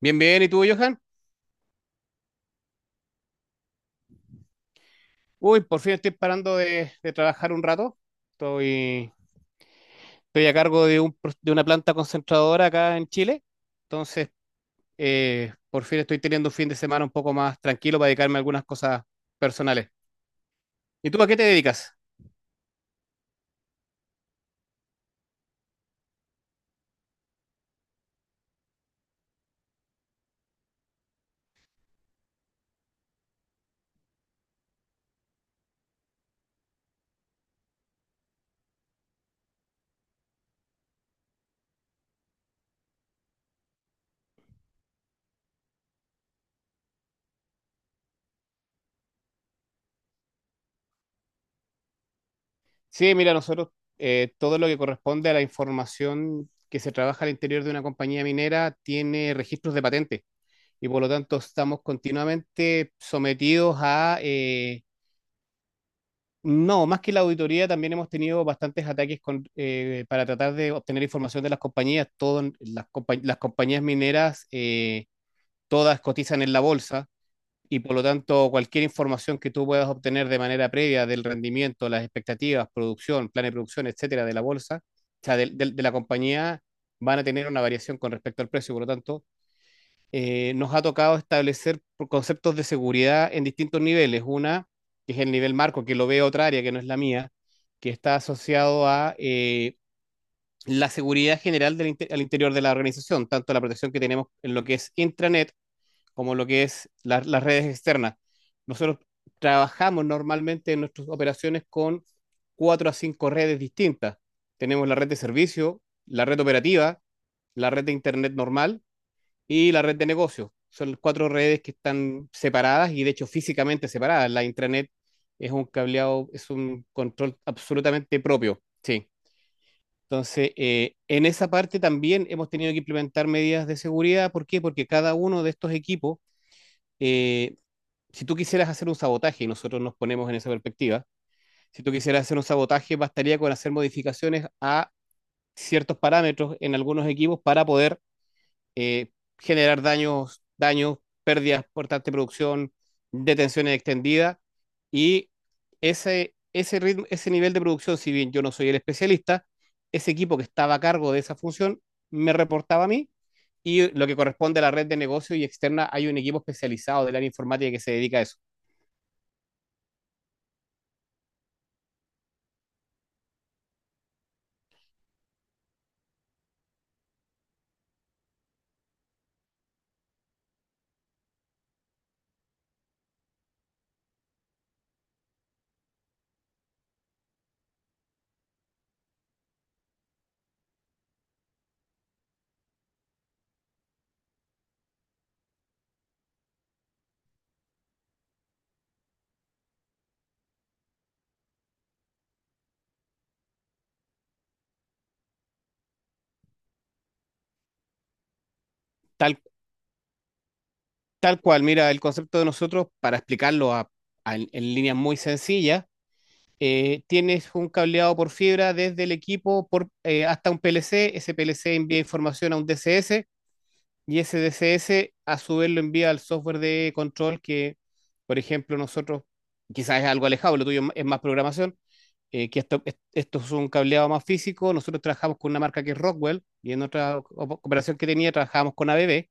Bien, bien, ¿y tú, Johan? Uy, por fin estoy parando de trabajar un rato. Estoy, estoy a cargo de de una planta concentradora acá en Chile. Entonces, por fin estoy teniendo un fin de semana un poco más tranquilo para dedicarme a algunas cosas personales. ¿Y tú a qué te dedicas? Sí, mira, nosotros todo lo que corresponde a la información que se trabaja al interior de una compañía minera tiene registros de patente y por lo tanto estamos continuamente sometidos a... No, más que la auditoría, también hemos tenido bastantes ataques con, para tratar de obtener información de las compañías. Todas las las compañías mineras, todas cotizan en la bolsa y por lo tanto cualquier información que tú puedas obtener de manera previa del rendimiento, las expectativas, producción, plan de producción, etcétera, de la bolsa, o sea, de la compañía, van a tener una variación con respecto al precio. Por lo tanto, nos ha tocado establecer conceptos de seguridad en distintos niveles. Una, que es el nivel marco, que lo ve otra área que no es la mía, que está asociado a la seguridad general al interior de la organización, tanto la protección que tenemos en lo que es intranet como lo que es las redes externas. Nosotros trabajamos normalmente en nuestras operaciones con cuatro a cinco redes distintas. Tenemos la red de servicio, la red operativa, la red de internet normal y la red de negocios. Son cuatro redes que están separadas y de hecho físicamente separadas. La intranet es un cableado, es un control absolutamente propio. Sí. Entonces, en esa parte también hemos tenido que implementar medidas de seguridad. ¿Por qué? Porque cada uno de estos equipos, eh, si tú quisieras hacer un sabotaje, y nosotros nos ponemos en esa perspectiva, si tú quisieras hacer un sabotaje, bastaría con hacer modificaciones a ciertos parámetros en algunos equipos para poder eh, generar daños, daños, pérdidas por tanta producción, detenciones extendidas. Y ritmo, ese nivel de producción, si bien yo no soy el especialista, ese equipo que estaba a cargo de esa función me reportaba a mí y lo que corresponde a la red de negocio y externa, hay un equipo especializado del área informática que se dedica a eso. Tal, tal cual, mira, el concepto de nosotros, para explicarlo en líneas muy sencillas, tienes un cableado por fibra desde el equipo por, hasta un PLC. Ese PLC envía información a un DCS y ese DCS a su vez lo envía al software de control que, por ejemplo, nosotros, quizás es algo alejado, lo tuyo es más programación, eh, que esto, esto es un cableado más físico. Nosotros trabajamos con una marca que es Rockwell y en otra operación que tenía trabajábamos con ABB.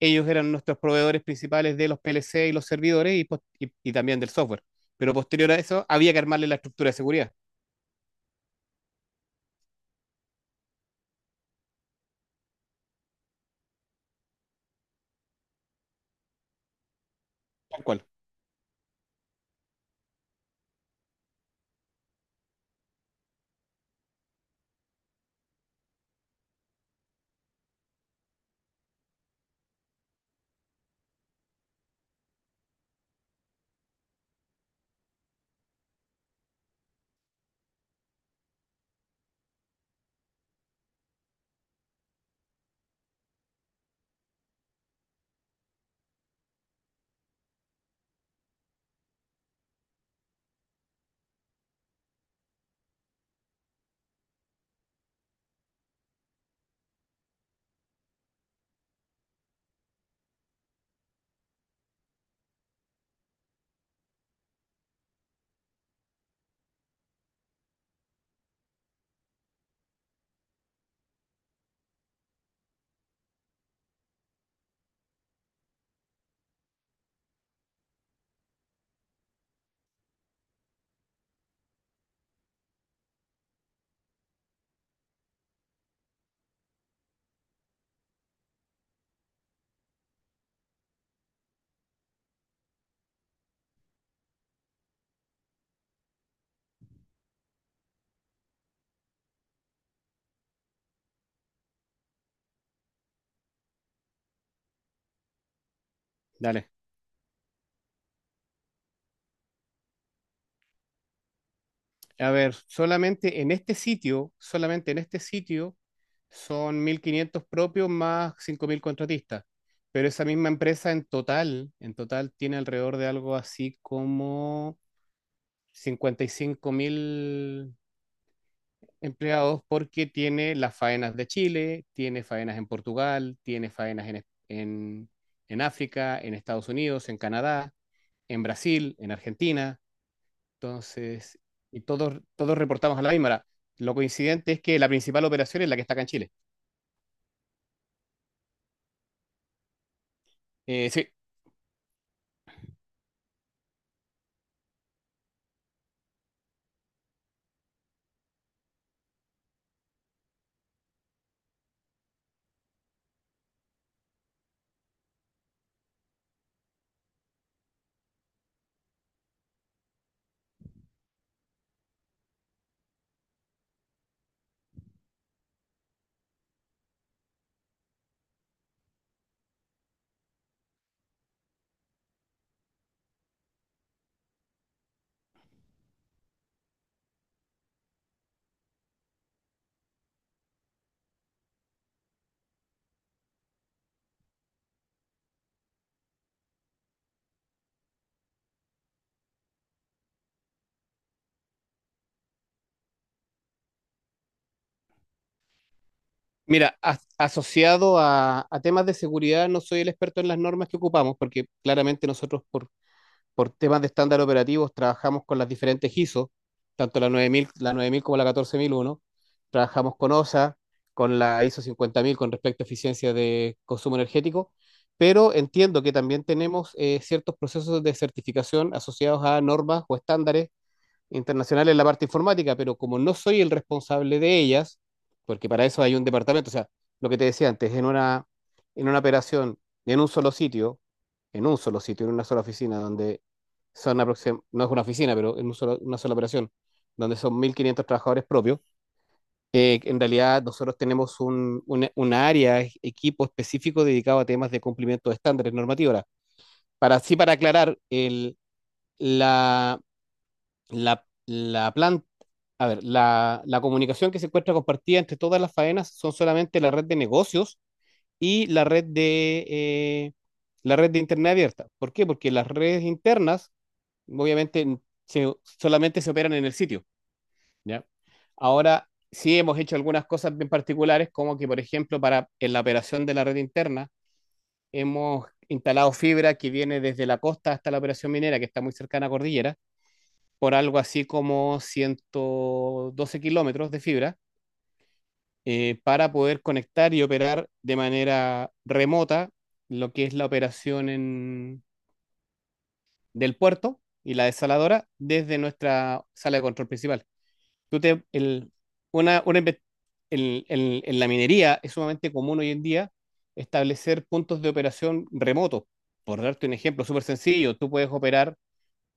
Ellos eran nuestros proveedores principales de los PLC y los servidores y también del software. Pero posterior a eso había que armarle la estructura de seguridad. Tal cual, dale. A ver, solamente en este sitio, solamente en este sitio son 1.500 propios más 5.000 contratistas, pero esa misma empresa en total tiene alrededor de algo así como 55.000 empleados porque tiene las faenas de Chile, tiene faenas en Portugal, tiene faenas en África, en Estados Unidos, en Canadá, en Brasil, en Argentina. Entonces, y todos reportamos a la misma hora. Lo coincidente es que la principal operación es la que está acá en Chile. Sí, mira, asociado a temas de seguridad, no soy el experto en las normas que ocupamos, porque claramente nosotros, por temas de estándar operativos, trabajamos con las diferentes ISO, tanto la 9000 la 9000 como la 14001. Trabajamos con OSA, con la ISO 1000 con respecto a eficiencia de consumo energético, pero entiendo que también tenemos ciertos procesos de certificación asociados a normas o estándares internacionales en la parte informática, pero como no soy el responsable de ellas, porque para eso hay un departamento, o sea, lo que te decía antes, en una operación, en un solo sitio, en un solo sitio, en una sola oficina, donde son no es una oficina, pero en un una sola operación, donde son 1.500 trabajadores propios, en realidad nosotros tenemos un una área, equipo específico dedicado a temas de cumplimiento de estándares normativos. Ahora, para aclarar, la, la planta, a ver, la comunicación que se encuentra compartida entre todas las faenas son solamente la red de negocios y la red de Internet abierta. ¿Por qué? Porque las redes internas, obviamente, solamente se operan en el sitio, ¿ya? Ahora, sí hemos hecho algunas cosas bien particulares, como que, por ejemplo, para en la operación de la red interna, hemos instalado fibra que viene desde la costa hasta la operación minera, que está muy cercana a Cordillera, por algo así como 112 kilómetros de fibra para poder conectar y operar de manera remota lo que es la operación del puerto y la desaladora desde nuestra sala de control principal. Tú te- el- una inve- En la minería es sumamente común hoy en día establecer puntos de operación remotos. Por darte un ejemplo súper sencillo, tú puedes operar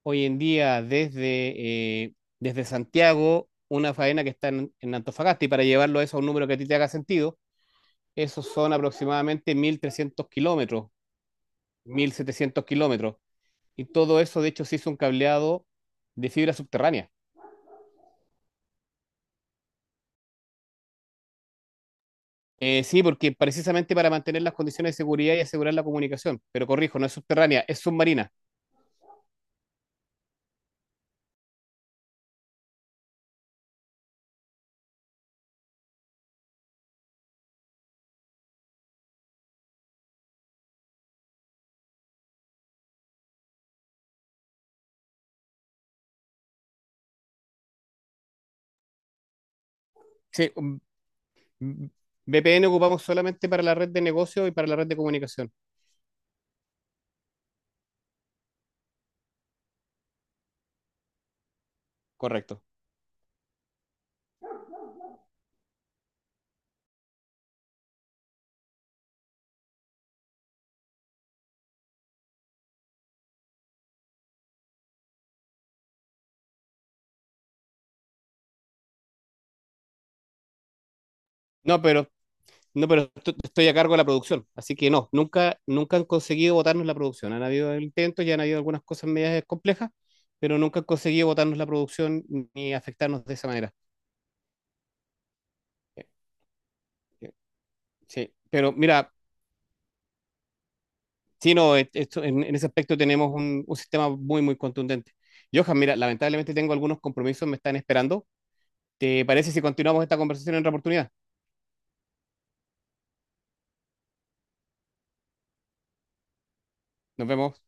hoy en día desde, desde Santiago una faena que está en Antofagasta y para llevarlo eso a un número que a ti te haga sentido, esos son aproximadamente 1.300 kilómetros, 1.700 kilómetros. Y todo eso, de hecho, se hizo un cableado de fibra subterránea. Sí, porque precisamente para mantener las condiciones de seguridad y asegurar la comunicación. Pero corrijo, no es subterránea, es submarina. Sí, mm, VPN ocupamos solamente para la red de negocio y para la red de comunicación. Correcto. No, pero No, pero estoy a cargo de la producción, así que no, nunca han conseguido votarnos la producción. Han habido intentos, ya han habido algunas cosas medias complejas, pero nunca han conseguido votarnos la producción ni afectarnos de esa manera. Eh, eh, Sí, pero mira, sí, no, en ese aspecto tenemos un sistema muy, muy contundente. Johan, mira, lamentablemente tengo algunos compromisos, me están esperando. ¿Te parece si continuamos esta conversación en otra oportunidad? Nos vemos.